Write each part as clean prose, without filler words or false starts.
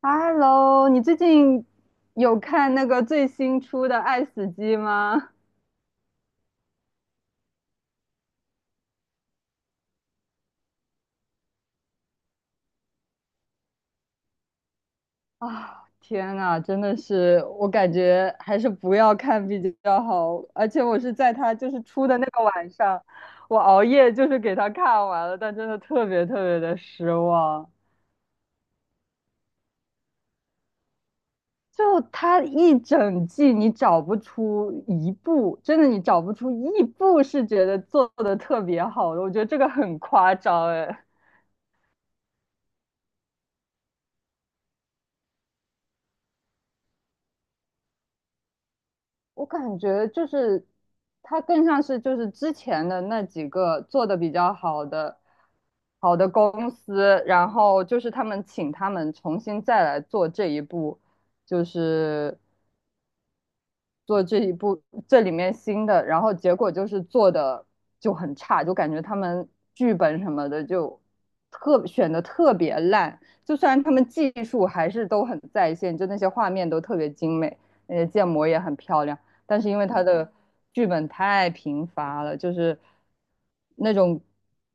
Hello，你最近有看那个最新出的《爱死机》吗？啊，天呐，真的是，我感觉还是不要看比较好。而且我是在他就是出的那个晚上，我熬夜就是给他看完了，但真的特别特别的失望。就他一整季，你找不出一部，真的你找不出一部是觉得做的特别好的，我觉得这个很夸张哎。我感觉就是它更像是就是之前的那几个做的比较好的好的公司，然后就是他们请他们重新再来做这一步，就是做这一部这里面新的，然后结果就是做的就很差，就感觉他们剧本什么的就特选的特别烂。就虽然他们技术还是都很在线，就那些画面都特别精美，那些建模也很漂亮，但是因为他的剧本太贫乏了，就是那种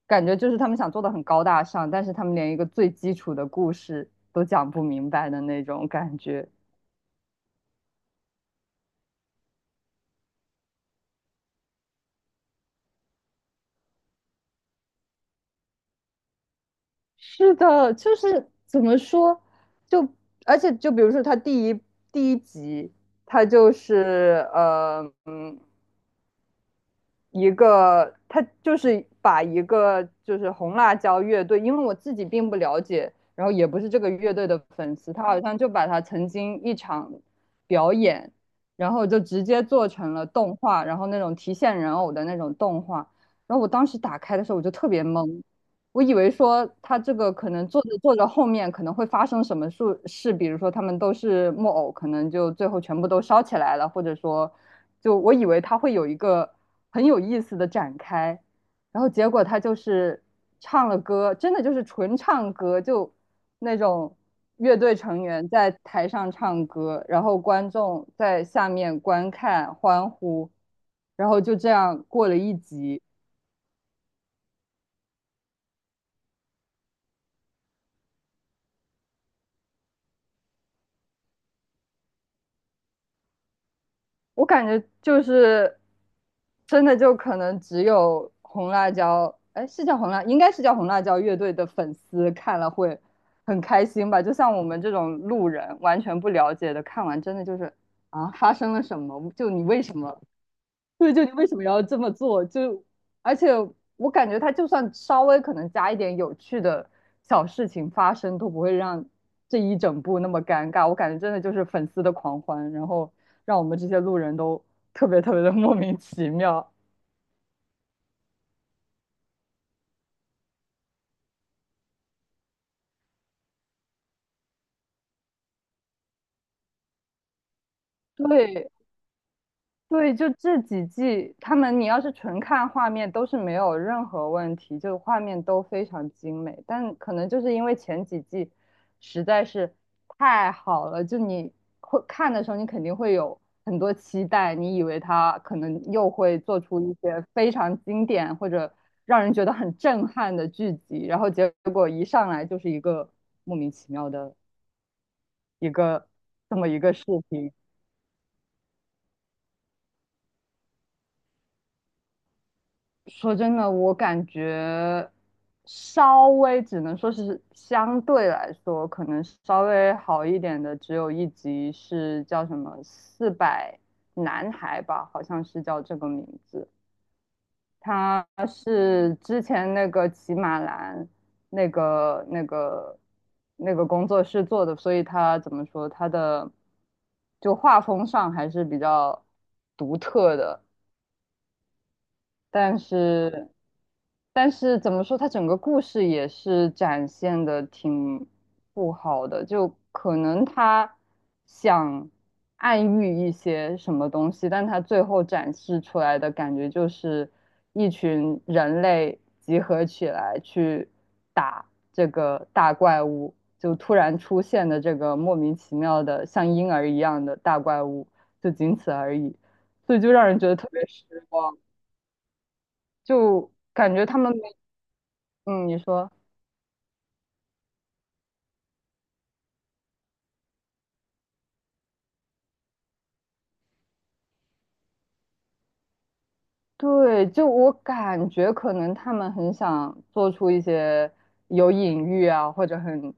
感觉，就是他们想做的很高大上，但是他们连一个最基础的故事都讲不明白的那种感觉。是的，就是怎么说，就而且就比如说他第一集，他就是一个他就是把一个就是红辣椒乐队，因为我自己并不了解，然后也不是这个乐队的粉丝，他好像就把他曾经一场表演，然后就直接做成了动画，然后那种提线人偶的那种动画，然后我当时打开的时候我就特别懵，我以为说他这个可能做着做着后面可能会发生什么事，比如说他们都是木偶，可能就最后全部都烧起来了，或者说，就我以为他会有一个很有意思的展开，然后结果他就是唱了歌，真的就是纯唱歌，就那种乐队成员在台上唱歌，然后观众在下面观看欢呼，然后就这样过了一集。我感觉就是真的就可能只有红辣椒，哎，是叫红辣，应该是叫红辣椒乐队的粉丝看了会很开心吧。就像我们这种路人完全不了解的，看完真的就是啊，发生了什么？就你为什么对，就你为什么要这么做？就而且我感觉他就算稍微可能加一点有趣的小事情发生，都不会让这一整部那么尴尬。我感觉真的就是粉丝的狂欢，然后让我们这些路人都特别特别的莫名其妙。对，对，就这几季，他们你要是纯看画面都是没有任何问题，就画面都非常精美。但可能就是因为前几季实在是太好了，就你会看的时候，你肯定会有很多期待，你以为他可能又会做出一些非常经典或者让人觉得很震撼的剧集，然后结果一上来就是一个莫名其妙的一个这么一个视频。说真的，我感觉稍微只能说是相对来说，可能稍微好一点的，只有一集是叫什么《四百男孩》吧，好像是叫这个名字。他是之前那个骑马兰那个那个那个工作室做的，所以他怎么说他的就画风上还是比较独特的。但是，但是怎么说，它整个故事也是展现的挺不好的，就可能他想暗喻一些什么东西，但他最后展示出来的感觉就是一群人类集合起来去打这个大怪物，就突然出现的这个莫名其妙的像婴儿一样的大怪物，就仅此而已，所以就让人觉得特别失望。就感觉他们没嗯，你说，对，就我感觉可能他们很想做出一些有隐喻啊，或者很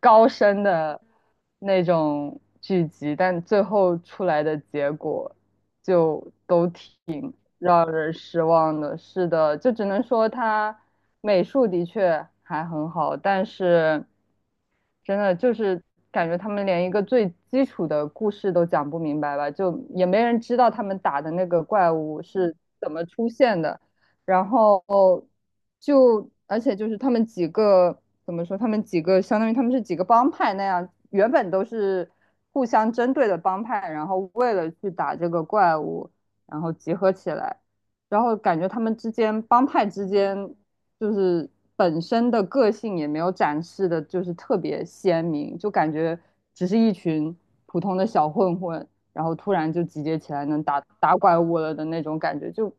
高深的那种剧集，但最后出来的结果就都挺让人失望的。是的，就只能说他美术的确还很好，但是。真的就是感觉他们连一个最基础的故事都讲不明白吧，就也没人知道他们打的那个怪物是怎么出现的，然后就而且就是他们几个怎么说，他们几个相当于他们是几个帮派那样，原本都是互相针对的帮派，然后为了去打这个怪物，然后集合起来。然后感觉他们之间帮派之间就是本身的个性也没有展示的，就是特别鲜明，就感觉只是一群普通的小混混，然后突然就集结起来能打怪物了的那种感觉，就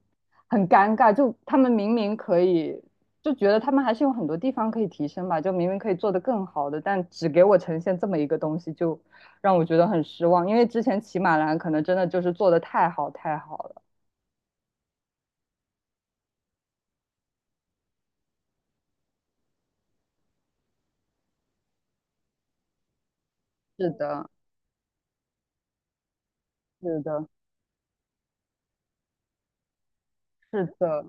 很尴尬。就他们明明可以，就觉得他们还是有很多地方可以提升吧，就明明可以做得更好的，但只给我呈现这么一个东西，就让我觉得很失望。因为之前骑马兰可能真的就是做的太好太好了。是的，是的，是的。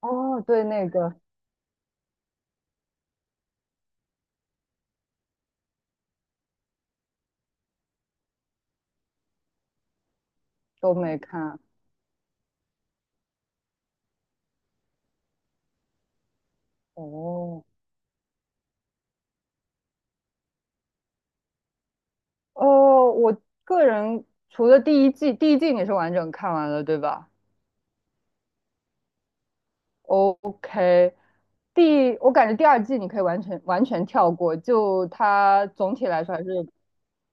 哦，对，那个。都没看。哦，哦，我个人除了第一季，第一季你是完整看完了，对吧？OK，第，我感觉第二季你可以完全完全跳过，就它总体来说还是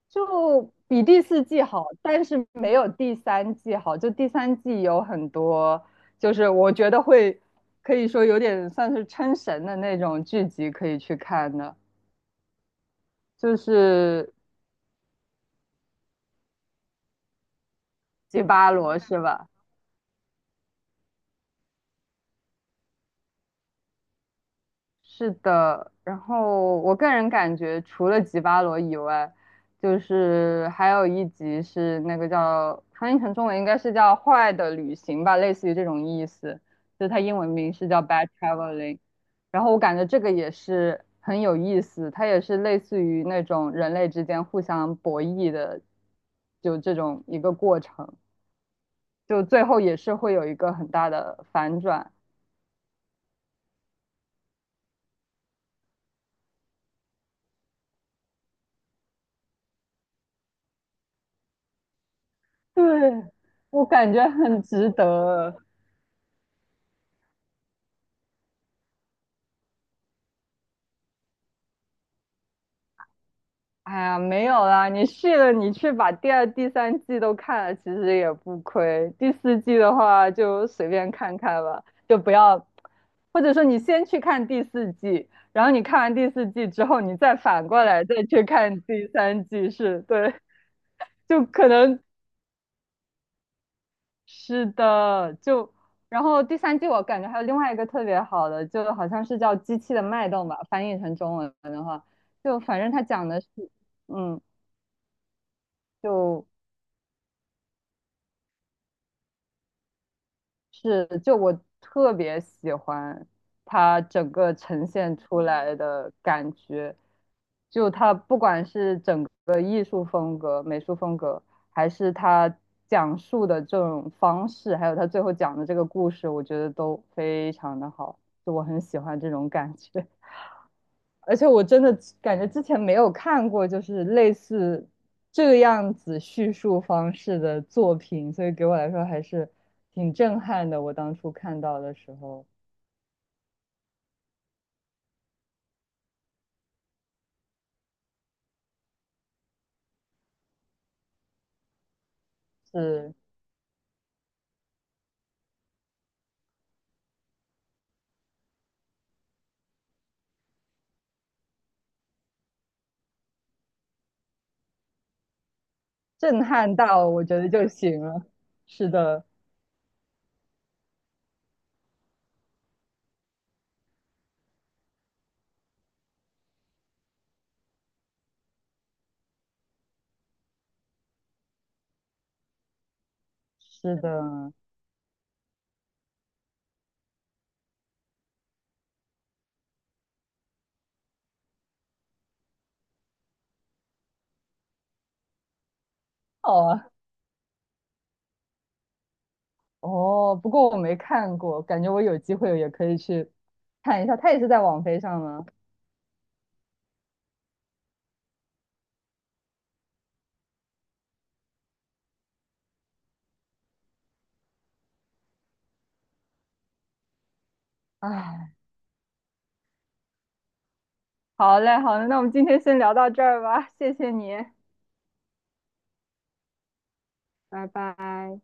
就比第四季好，但是没有第三季好。就第三季有很多，就是我觉得会可以说有点算是撑神的那种剧集可以去看的，就是《吉巴罗》是吧？是的，然后我个人感觉，除了吉巴罗以外，就是还有一集是那个叫翻译成中文应该是叫《坏的旅行》吧，类似于这种意思，就它英文名是叫《Bad Traveling》。然后我感觉这个也是很有意思，它也是类似于那种人类之间互相博弈的，就这种一个过程，就最后也是会有一个很大的反转。对，我感觉很值得。哎呀，没有啦，你续了，你去把第二、第三季都看了，其实也不亏。第四季的话就随便看看吧，就不要，或者说你先去看第四季，然后你看完第四季之后，你再反过来再去看第三季，是，对，就可能是的，就然后第三季我感觉还有另外一个特别好的，就好像是叫《机器的脉动》吧，翻译成中文的话，就反正它讲的是，嗯。就是，就我特别喜欢他整个呈现出来的感觉，就他不管是整个艺术风格、美术风格，还是他讲述的这种方式，还有他最后讲的这个故事，我觉得都非常的好，就我很喜欢这种感觉。而且我真的感觉之前没有看过，就是类似这个样子叙述方式的作品，所以给我来说还是挺震撼的。我当初看到的时候是震撼到，我觉得就行了。是的，是的，哦啊哦，不过我没看过，感觉我有机会也可以去看一下。它也是在网飞上吗？唉，好嘞，那我们今天先聊到这儿吧，谢谢你，拜拜。